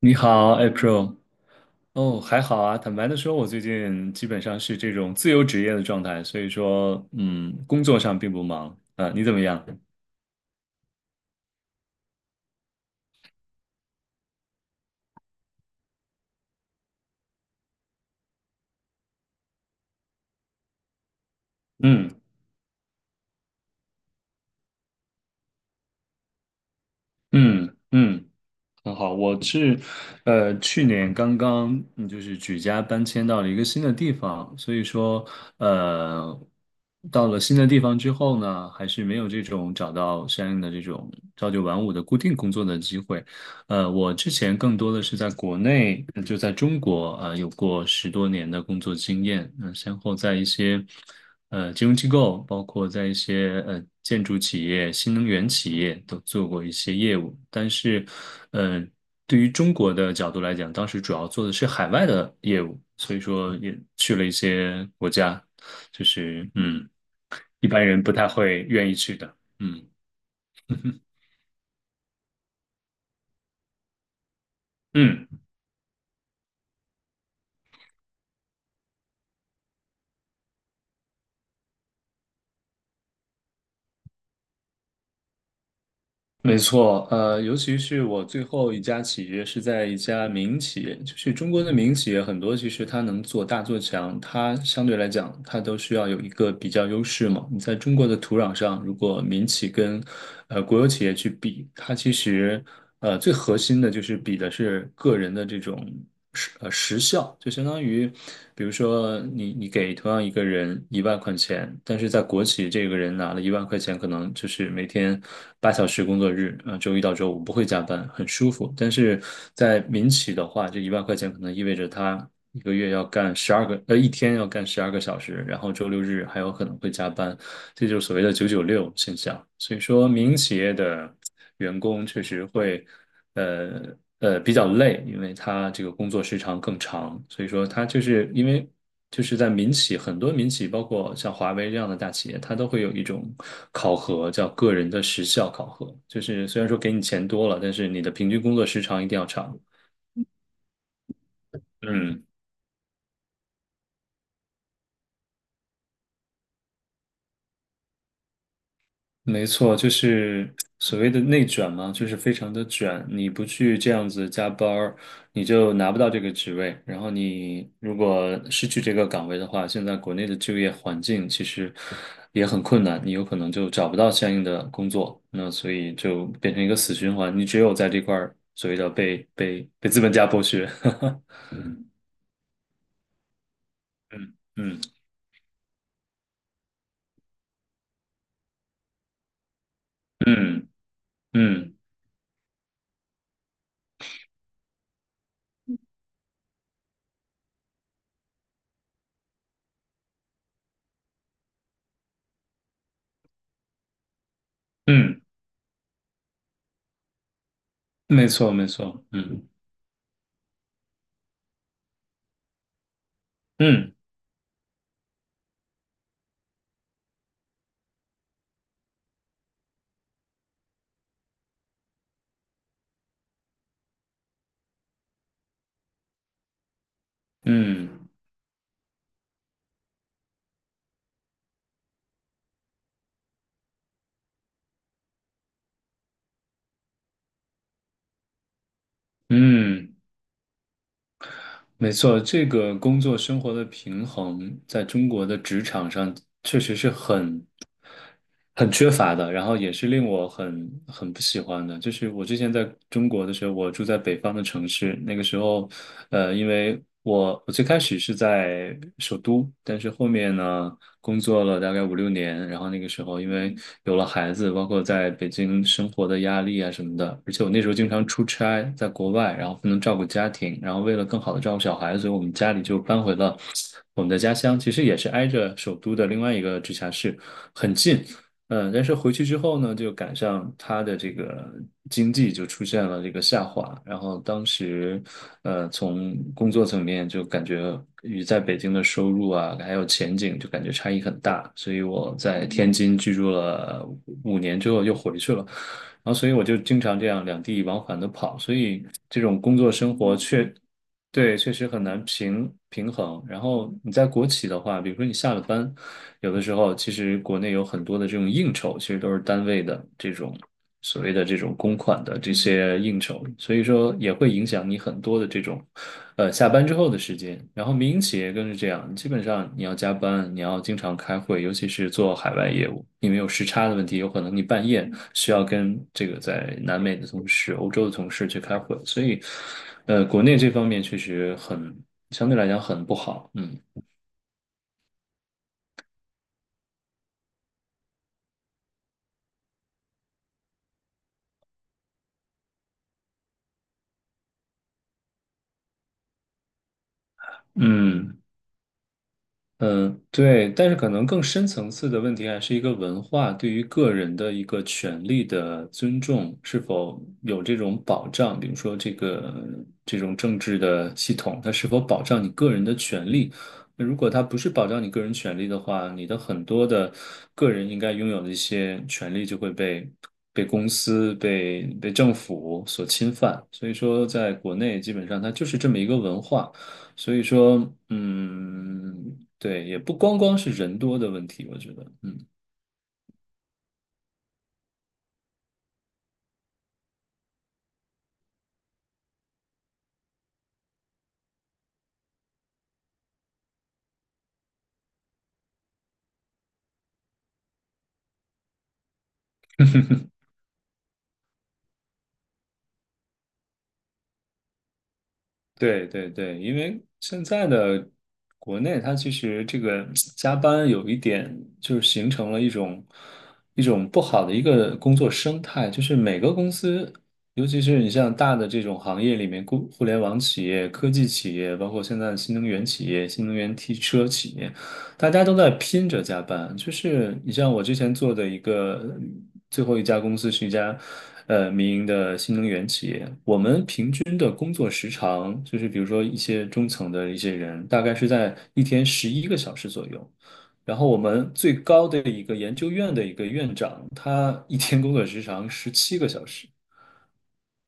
你好，April。哦，还好啊。坦白的说，我最近基本上是这种自由职业的状态，所以说，工作上并不忙啊。你怎么样？嗯嗯嗯。很好，我是，去年刚刚就是举家搬迁到了一个新的地方，所以说，呃，到了新的地方之后呢，还是没有这种找到相应的这种朝九晚五的固定工作的机会。我之前更多的是在国内，就在中国啊有过10多年的工作经验，先后在一些，金融机构，包括在一些建筑企业、新能源企业都做过一些业务，但是，呃，对于中国的角度来讲，当时主要做的是海外的业务，所以说也去了一些国家，就是一般人不太会愿意去的，嗯嗯。没错，尤其是我最后一家企业是在一家民企业，就是中国的民企业很多，其实它能做大做强，它相对来讲，它都需要有一个比较优势嘛。你在中国的土壤上，如果民企跟国有企业去比，它其实最核心的就是比的是个人的这种时效，就相当于，比如说你给同样一个人一万块钱，但是在国企这个人拿了一万块钱，可能就是每天8小时工作日，啊、周一到周五不会加班，很舒服。但是在民企的话，这一万块钱可能意味着他，一个月要干十二个，一天要干十二个小时，然后周六日还有可能会加班，这就是所谓的"996"现象。所以说，民营企业的员工确实会，呃比较累，因为他这个工作时长更长。所以说，他就是因为就是在民企，很多民企，包括像华为这样的大企业，它都会有一种考核，叫个人的时效考核，就是虽然说给你钱多了，但是你的平均工作时长一定要长。嗯，没错，就是所谓的内卷嘛，就是非常的卷。你不去这样子加班儿，你就拿不到这个职位。然后你如果失去这个岗位的话，现在国内的就业环境其实也很困难，你有可能就找不到相应的工作。那所以就变成一个死循环，你只有在这块儿所谓的被资本家剥削。嗯嗯嗯嗯嗯，没错没错，嗯嗯嗯嗯。没错，这个工作生活的平衡在中国的职场上确实是很缺乏的，然后也是令我很不喜欢的。就是我之前在中国的时候，我住在北方的城市，那个时候，因为我最开始是在首都，但是后面呢，工作了大概5、6年，然后那个时候因为有了孩子，包括在北京生活的压力啊什么的，而且我那时候经常出差，在国外，然后不能照顾家庭，然后为了更好的照顾小孩，所以我们家里就搬回了我们的家乡，其实也是挨着首都的另外一个直辖市，很近。但是回去之后呢，就赶上他的这个经济就出现了这个下滑，然后当时，从工作层面就感觉与在北京的收入啊，还有前景就感觉差异很大，所以我在天津居住了5年之后又回去了，然后所以我就经常这样两地往返的跑，所以这种工作生活对，确实很难平衡。然后你在国企的话，比如说你下了班，有的时候，其实国内有很多的这种应酬，其实都是单位的这种所谓的这种公款的这些应酬，所以说也会影响你很多的这种，下班之后的时间。然后民营企业更是这样，基本上你要加班，你要经常开会，尤其是做海外业务，因为有时差的问题，有可能你半夜需要跟这个在南美的同事、欧洲的同事去开会，所以，国内这方面确实很，相对来讲很不好，嗯。嗯，嗯，对，但是可能更深层次的问题还是一个文化对于个人的一个权利的尊重是否有这种保障，比如说这个这种政治的系统，它是否保障你个人的权利？那如果它不是保障你个人权利的话，你的很多的个人应该拥有的一些权利就会被公司、被政府所侵犯。所以说，在国内基本上它就是这么一个文化。所以说，嗯，对，也不光光是人多的问题，我觉得，嗯。对对对，因为现在的国内，它其实这个加班有一点，就是形成了一种不好的一个工作生态，就是每个公司，尤其是你像大的这种行业里面，互联网企业、科技企业，包括现在的新能源企业、新能源汽车企业，大家都在拼着加班。就是你像我之前做的一个最后一家公司是一家民营的新能源企业。均的工作时长，就是比如说一些中层的一些人，大概是在一天11个小时左右。然后我们最高的一个研究院的一个院长，他一天工作时长17个小时。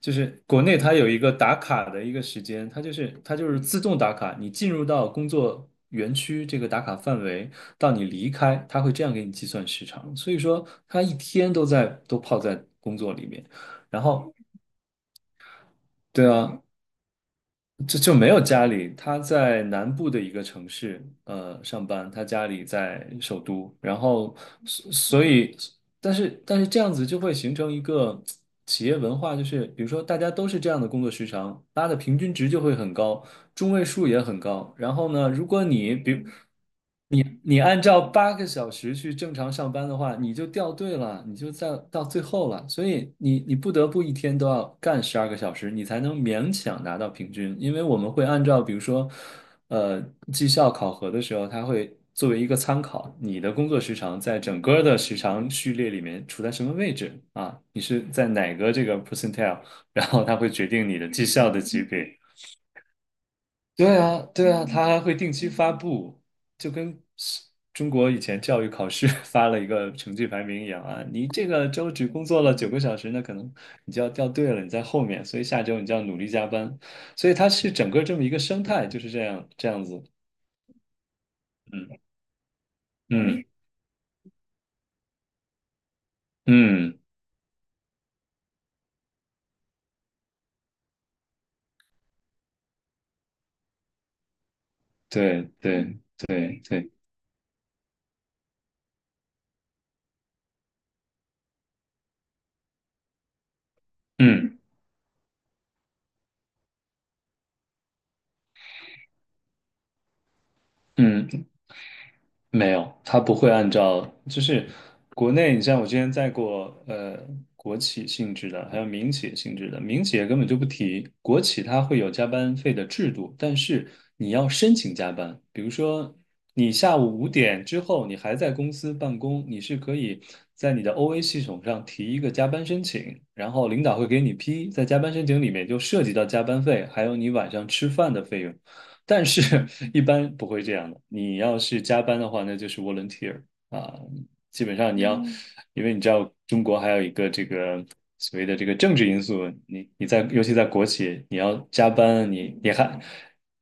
就是国内他有一个打卡的一个时间，它就是自动打卡，你进入到工作园区这个打卡范围，到你离开，他会这样给你计算时长。所以说，他一天都泡在工作里面，然后对啊，这就没有家里，他在南部的一个城市，上班，他家里在首都，然后所以，但是这样子就会形成一个企业文化，就是比如说大家都是这样的工作时长，拉的平均值就会很高，中位数也很高。然后呢，如果你比你按照8个小时去正常上班的话，你就掉队了，你就在到最后了。所以你不得不一天都要干十二个小时，你才能勉强拿到平均。因为我们会按照比如说，呃，绩效考核的时候，它会作为一个参考，你的工作时长在整个的时长序列里面处在什么位置啊？你是在哪个这个 percentile,然后它会决定你的绩效的级别。对啊，对啊，他还会定期发布，就跟是中国以前教育考试 发了一个成绩排名一样啊。你这个周只工作了9个小时，那可能你就要掉队了，你在后面，所以下周你就要努力加班。所以它是整个这么一个生态，就是这样子。嗯嗯嗯，对对对对。嗯嗯，没有，它不会按照，就是国内，你像我之前在过，国企性质的，还有民企性质的，民企也根本就不提，国企它会有加班费的制度，但是你要申请加班，比如说你下午5点之后你还在公司办公，你是可以在你的 OA 系统上提一个加班申请，然后领导会给你批，在加班申请里面就涉及到加班费，还有你晚上吃饭的费用。但是 一般不会这样的。你要是加班的话，那就是 volunteer 啊，基本上你要，因为你知道中国所谓的这个政治因素，你在尤其在国企，你要加班，你还，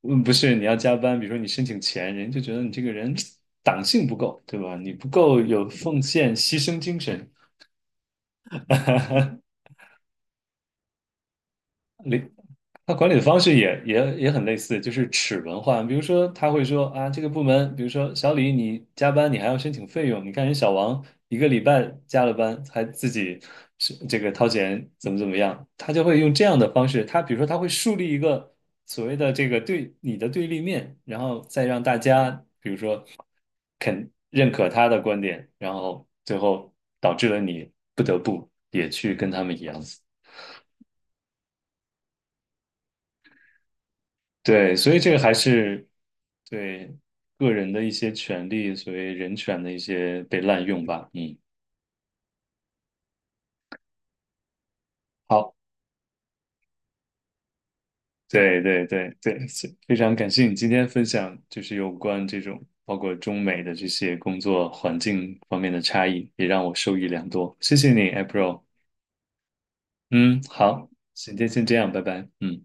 不是你要加班，比如说你申请钱，人就觉得你这个人党性不够，对吧？你不够有奉献牺牲精神，领他管理的方式也很类似，就是齿轮化。比如说，他会说啊，这个部门，比如说小李，你加班你还要申请费用，你看人小王一个礼拜加了班还自己是这个掏钱，怎么怎么样，他就会用这样的方式。他比如说，他会树立一个所谓的这个对你的对立面，然后再让大家比如说肯认可他的观点，然后最后导致了你不得不也去跟他们一样。对，所以这个还是对个人的一些权利，所谓人权的一些被滥用吧。嗯，好，对对对对，是非常感谢你今天分享，就是有关这种包括中美的这些工作环境方面的差异，也让我受益良多。谢谢你，April。嗯，好，今天先这样，拜拜。嗯。